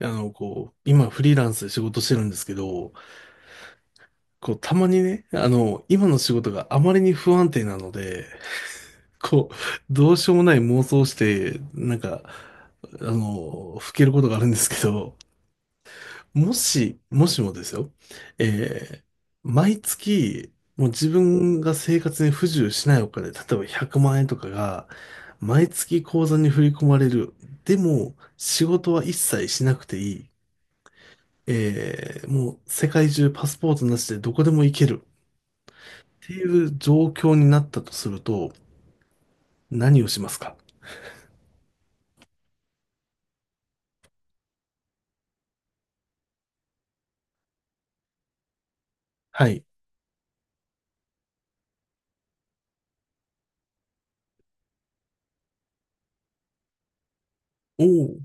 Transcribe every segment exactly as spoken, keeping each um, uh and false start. あの、こう、今フリーランスで仕事してるんですけど、こう、たまにね、あの、今の仕事があまりに不安定なので、こう、どうしようもない妄想をして、なんか、あの、ふけることがあるんですけど、もし、もしもですよ、えー毎月、もう自分が生活に不自由しないお金、例えばひゃくまん円とかが、毎月口座に振り込まれる。でも、仕事は一切しなくていい。えー、もう世界中パスポートなしでどこでも行けるっていう状況になったとすると、何をしますか？はい。おお、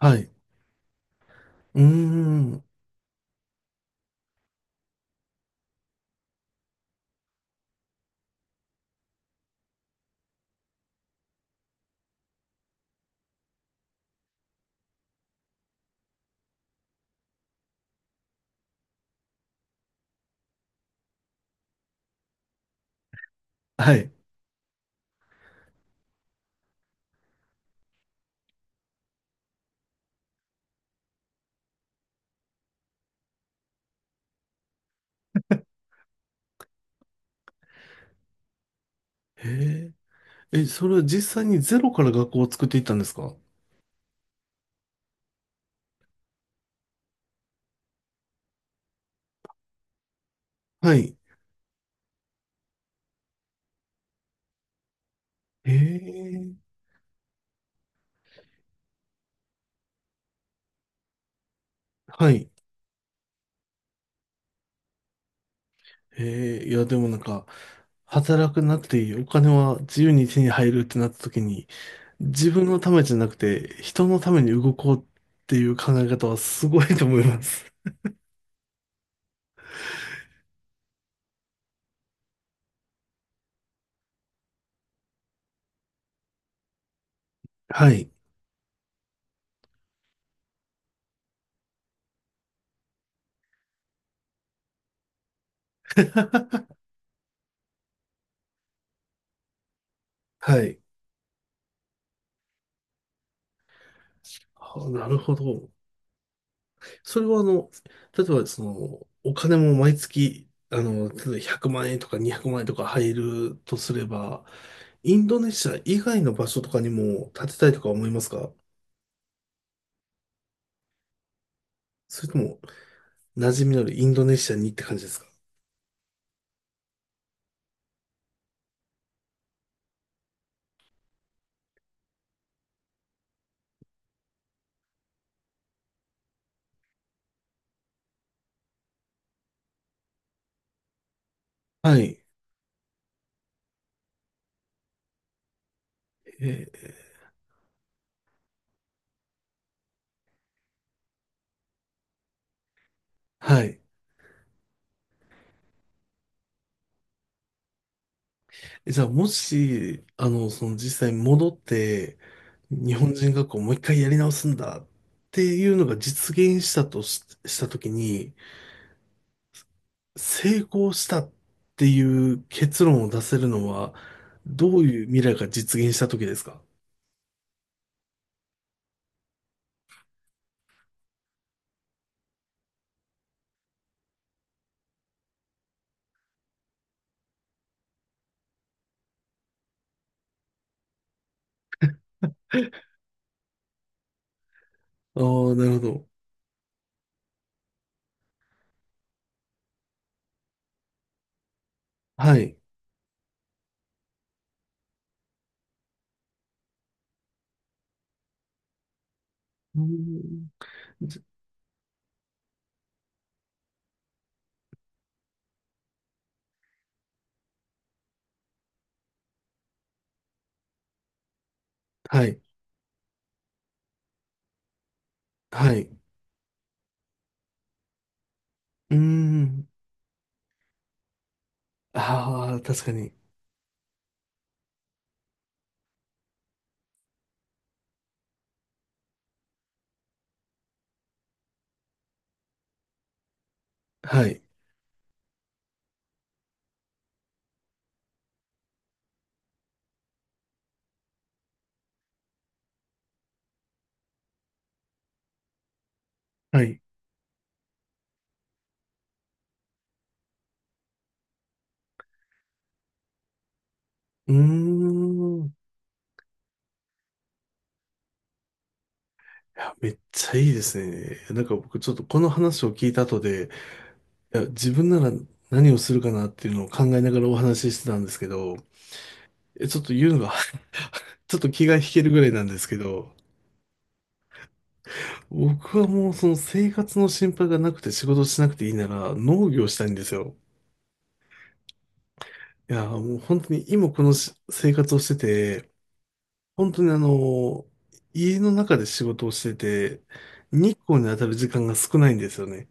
はい。うーん、はい。へえ、え、それは実際にゼロから学校を作っていったんですか？はい。へえ、はい。へえ、いや、でもなんか、働くなくていい、お金は自由に手に入るってなった時に、自分のためじゃなくて、人のために動こうっていう考え方はすごいと思います。はい。はい。あ、なるほど。それはあの、例えばその、お金も毎月、あの、例えばひゃくまん円とかにひゃくまん円とか入るとすれば、インドネシア以外の場所とかにも建てたいとか思いますか？それとも、馴染みのあるインドネシアにって感じですか？はい。えーはい。えじゃあ、もし、あの、その実際に戻って、日本人学校をもう一回やり直すんだっていうのが実現したとし、したときに、成功したっていう結論を出せるのは、どういう未来が実現した時ですか？ああー、なるほど。はい。うーんじはい。はい。うーん。ああ、確かに。はい。はい。うーん。いや、めっちゃいいですね。なんか僕ちょっとこの話を聞いた後で、いや、自分なら何をするかなっていうのを考えながらお話ししてたんですけど、えちょっと言うのが ちょっと気が引けるぐらいなんですけど、僕はもうその生活の心配がなくて仕事しなくていいなら農業したいんですよ。いや、もう本当に今このし生活をしてて、本当にあの、家の中で仕事をしてて、日光に当たる時間が少ないんですよね。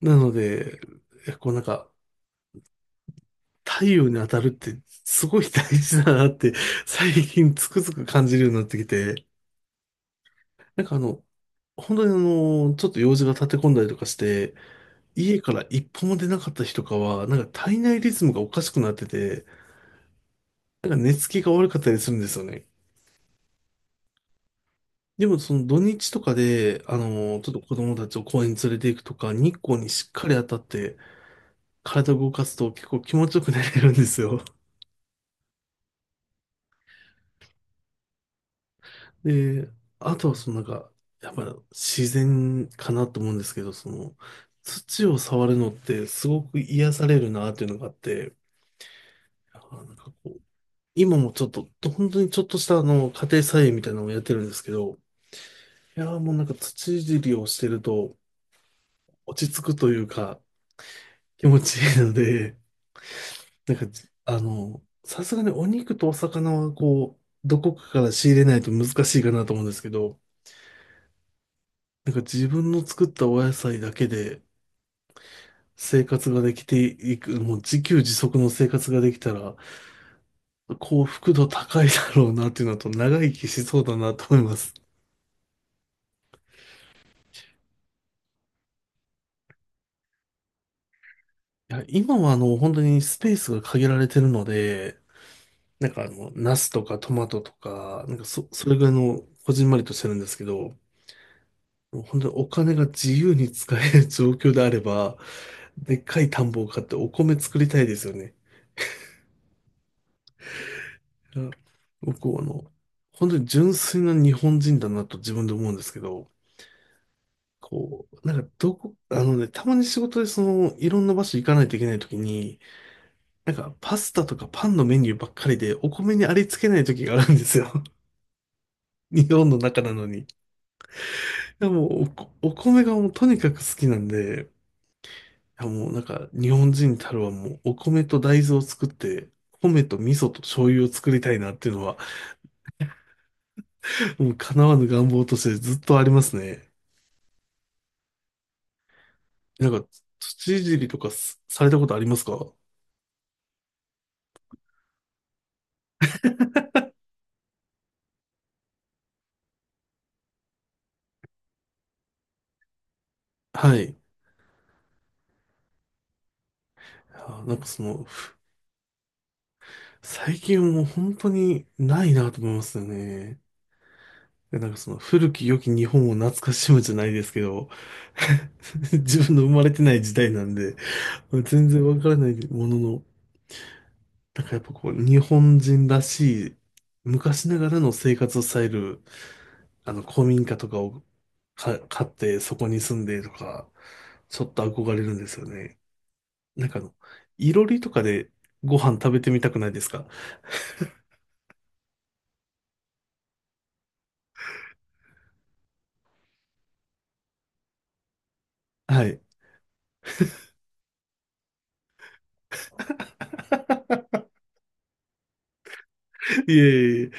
なので、こうなんか、太陽に当たるってすごい大事だなって最近つくづく感じるようになってきて、なんかあの、本当にあの、ちょっと用事が立て込んだりとかして、家から一歩も出なかった日とかは、なんか体内リズムがおかしくなってて、なんか寝つきが悪かったりするんですよね。でもその土日とかで、あのーちょっと子供たちを公園に連れて行くとか、日光にしっかり当たって、体を動かすと結構気持ちよく寝れるんですよ。で、あとはそのなんか、やっぱ自然かなと思うんですけど、その、土を触るのってすごく癒されるなっていうのがあって、あーなんかこう、今もちょっと、本当にちょっとしたあの、家庭菜園みたいなのをやってるんですけど、いやーもうなんか土いじりをしてると落ち着くというか気持ちいいので、なんかあの、さすがにお肉とお魚はこう、どこかから仕入れないと難しいかなと思うんですけど、なんか自分の作ったお野菜だけで生活ができていく、もう自給自足の生活ができたら幸福度高いだろうなっていうのと長生きしそうだなと思います。いや、今はあの、本当にスペースが限られてるので、なんかあの、ナスとかトマトとか、なんかそ、それぐらいの、こじんまりとしてるんですけど、本当にお金が自由に使える状況であれば、でっかい田んぼを買ってお米作りたいですよね。いや僕はあの、本当に純粋な日本人だなと自分で思うんですけど、こう、なんかどこ、あのね、たまに仕事でその、いろんな場所行かないといけないときに、なんか、パスタとかパンのメニューばっかりで、お米にありつけない時があるんですよ。日本の中なのに。いやもうお、お米がもうとにかく好きなんで、いやもうなんか、日本人たるはもう、お米と大豆を作って、米と味噌と醤油を作りたいなっていうのは、もう叶わぬ願望としてずっとありますね。なんか、土いじりとかすされたことありますか？はい。あなんかその、ふ最近はもう本当にないなと思いますよね。で、なんかその古き良き日本を懐かしむじゃないですけど、自分の生まれてない時代なんで、全然わからないものの、なんかやっぱこう、日本人らしい、昔ながらの生活スタイル、あの、古民家とかをか買って、そこに住んでとか、ちょっと憧れるんですよね。なんかあの、いろりとかでご飯食べてみたくないですか？ はい。いえいえいえ、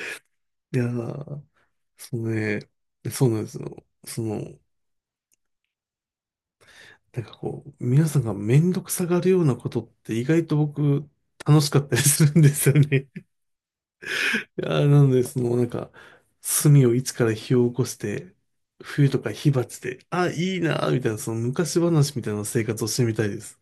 いやー、そうね、そうなんですよ。その、なんかこう、皆さんがめんどくさがるようなことって意外と僕楽しかったりするんですよね。いやーなので、そのなんか、炭を一から火を起こして、冬とか火鉢で、あ、いいなーみたいな、その昔話みたいな生活をしてみたいです。